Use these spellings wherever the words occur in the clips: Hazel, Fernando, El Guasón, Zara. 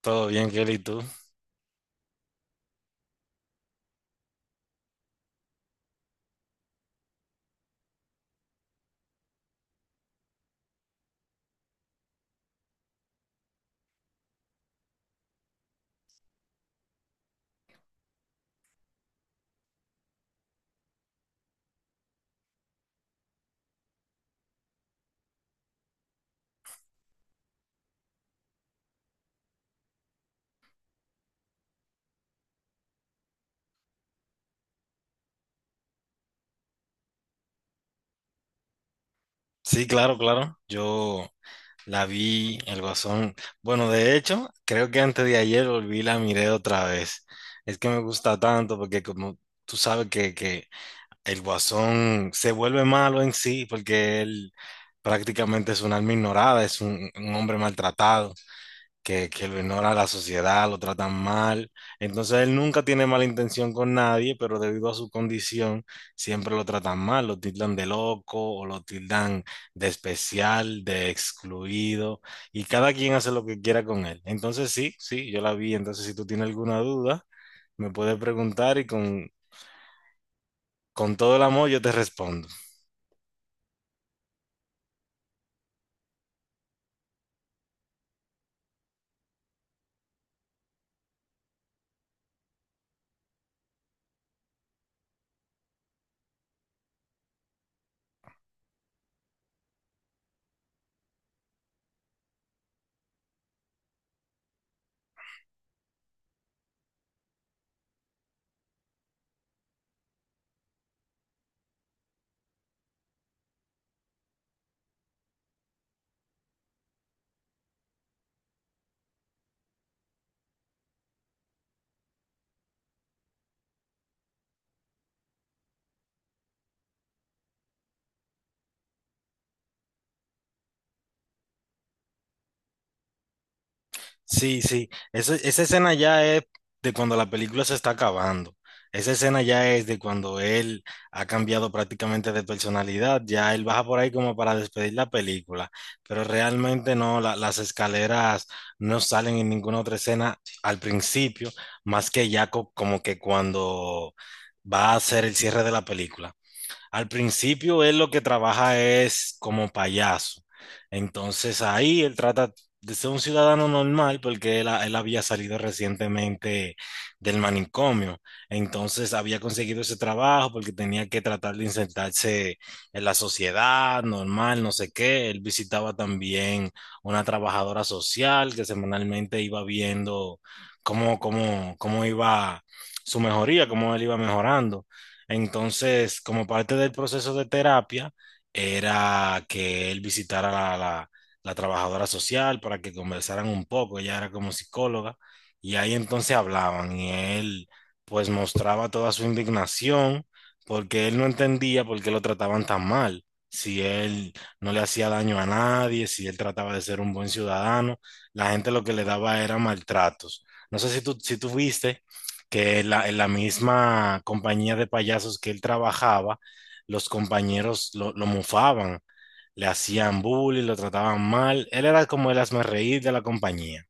Todo bien, Kelly, ¿y tú? Sí, claro, claro. Yo la vi, El Guasón. Bueno, de hecho, creo que antes de ayer volví y la miré otra vez. Es que me gusta tanto porque como tú sabes que El Guasón se vuelve malo en sí porque él prácticamente es un alma ignorada, es un hombre maltratado, que lo ignora la sociedad, lo tratan mal. Entonces él nunca tiene mala intención con nadie, pero debido a su condición siempre lo tratan mal, lo tildan de loco o lo tildan de especial, de excluido, y cada quien hace lo que quiera con él. Entonces sí, sí, yo la vi, entonces si tú tienes alguna duda, me puedes preguntar y con todo el amor yo te respondo. Sí, sí. Esa escena ya es de cuando la película se está acabando. Esa escena ya es de cuando él ha cambiado prácticamente de personalidad. Ya él baja por ahí como para despedir la película. Pero realmente no, las escaleras no salen en ninguna otra escena al principio, más que ya como que cuando va a ser el cierre de la película. Al principio él lo que trabaja es como payaso. Entonces ahí él trata de ser un ciudadano normal porque él, él había salido recientemente del manicomio. Entonces había conseguido ese trabajo porque tenía que tratar de insertarse en la sociedad normal, no sé qué. Él visitaba también una trabajadora social que semanalmente iba viendo cómo iba su mejoría, cómo él iba mejorando. Entonces, como parte del proceso de terapia, era que él visitara a la trabajadora social para que conversaran un poco. Ella era como psicóloga y ahí entonces hablaban y él pues mostraba toda su indignación porque él no entendía por qué lo trataban tan mal. Si él no le hacía daño a nadie, si él trataba de ser un buen ciudadano, la gente lo que le daba era maltratos. No sé si tú, si tú viste que en la misma compañía de payasos que él trabajaba, los compañeros lo mofaban, le hacían bullying, lo trataban mal. Él era como el hazmerreír de la compañía.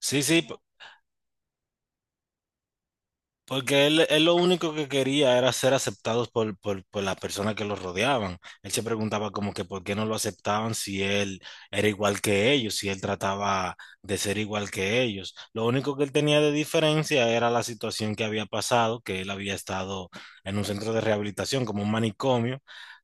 Sí, sí. Porque él lo único que quería era ser aceptados por las personas que lo rodeaban. Él se preguntaba como que por qué no lo aceptaban si él era igual que ellos, si él trataba de ser igual que ellos. Lo único que él tenía de diferencia era la situación que había pasado, que él había estado en un centro de rehabilitación como un manicomio,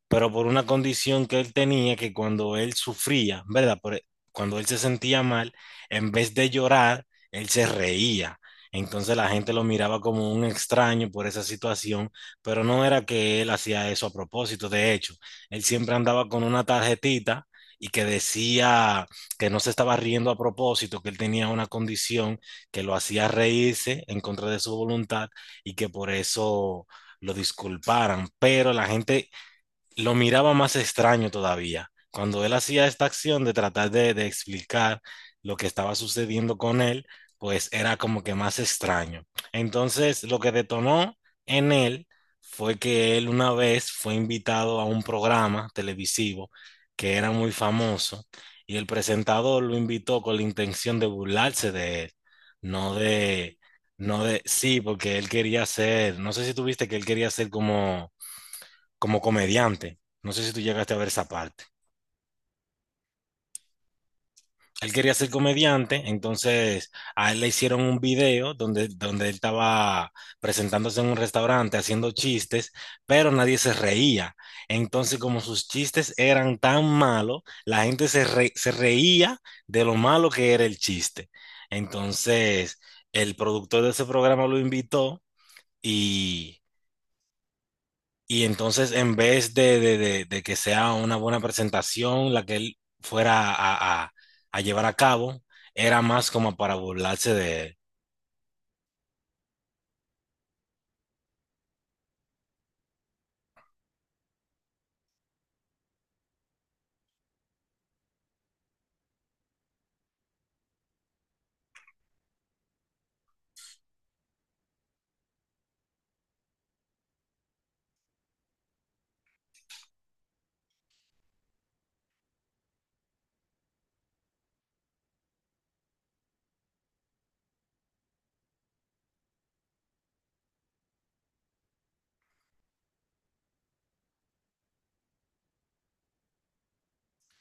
pero por una condición que él tenía que cuando él sufría, ¿verdad? Cuando él se sentía mal, en vez de llorar, él se reía. Entonces la gente lo miraba como un extraño por esa situación, pero no era que él hacía eso a propósito. De hecho, él siempre andaba con una tarjetita y que decía que no se estaba riendo a propósito, que él tenía una condición que lo hacía reírse en contra de su voluntad y que por eso lo disculparan. Pero la gente lo miraba más extraño todavía. Cuando él hacía esta acción de tratar de explicar lo que estaba sucediendo con él, pues era como que más extraño. Entonces, lo que detonó en él fue que él una vez fue invitado a un programa televisivo que era muy famoso y el presentador lo invitó con la intención de burlarse de él, no de, no de, sí, porque él quería ser, no sé si tuviste que él quería ser como comediante. No sé si tú llegaste a ver esa parte. Él quería ser comediante, entonces a él le hicieron un video donde él estaba presentándose en un restaurante haciendo chistes, pero nadie se reía. Entonces, como sus chistes eran tan malos, la gente se reía de lo malo que era el chiste. Entonces, el productor de ese programa lo invitó y Y entonces, en vez de que sea una buena presentación, la que él fuera a llevar a cabo, era más como para burlarse de.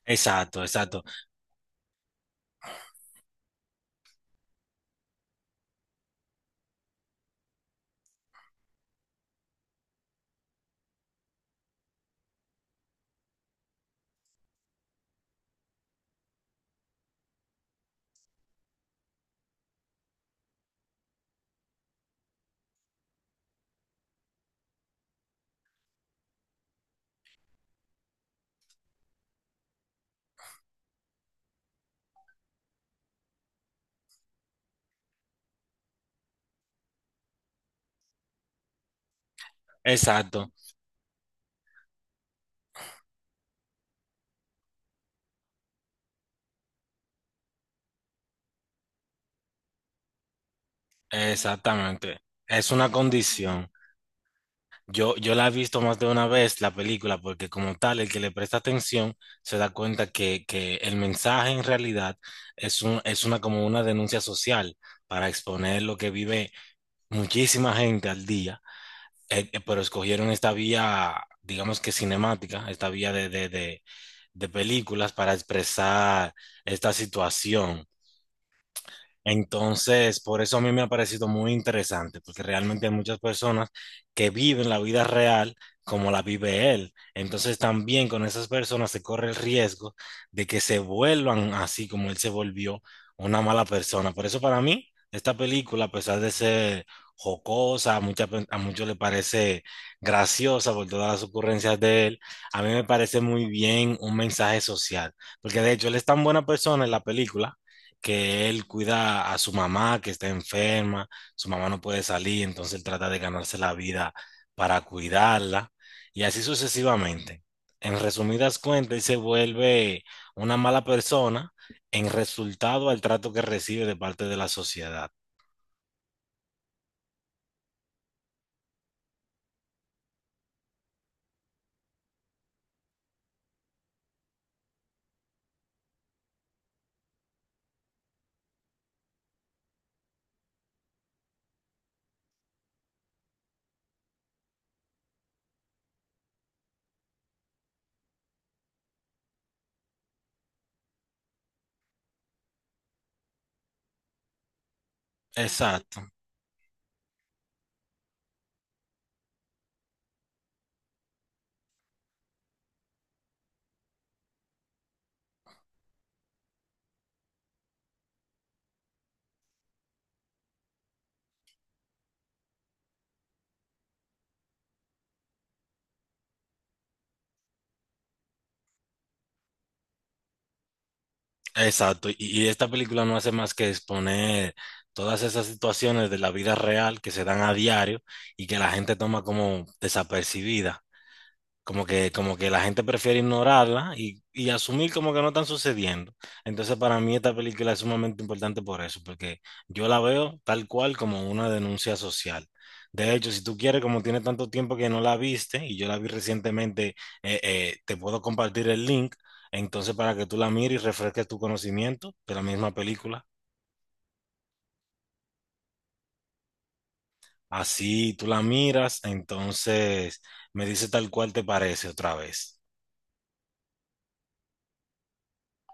Exacto, exacto, exacto, exactamente. Es una condición. Yo la he visto más de una vez la película, porque como tal, el que le presta atención se da cuenta que el mensaje en realidad es una como una denuncia social para exponer lo que vive muchísima gente al día. Pero escogieron esta vía, digamos que cinemática, esta vía de películas para expresar esta situación. Entonces, por eso a mí me ha parecido muy interesante, porque realmente hay muchas personas que viven la vida real como la vive él. Entonces, también con esas personas se corre el riesgo de que se vuelvan así como él se volvió una mala persona. Por eso para mí, esta película, a pesar de ser jocosa, a muchos le parece graciosa por todas las ocurrencias de él, a mí me parece muy bien un mensaje social, porque de hecho él es tan buena persona en la película que él cuida a su mamá que está enferma, su mamá no puede salir, entonces él trata de ganarse la vida para cuidarla y así sucesivamente. En resumidas cuentas, él se vuelve una mala persona en resultado al trato que recibe de parte de la sociedad. Exacto, exacto. Y esta película no hace más que exponer todas esas situaciones de la vida real que se dan a diario y que la gente toma como desapercibida. Como que la gente prefiere ignorarla y asumir como que no están sucediendo. Entonces, para mí esta película es sumamente importante por eso, porque yo la veo tal cual como una denuncia social. De hecho, si tú quieres, como tiene tanto tiempo que no la viste, y yo la vi recientemente, te puedo compartir el link, entonces para que tú la mires y refresques tu conocimiento de la misma película. Así tú la miras, entonces me dice tal cual te parece otra vez.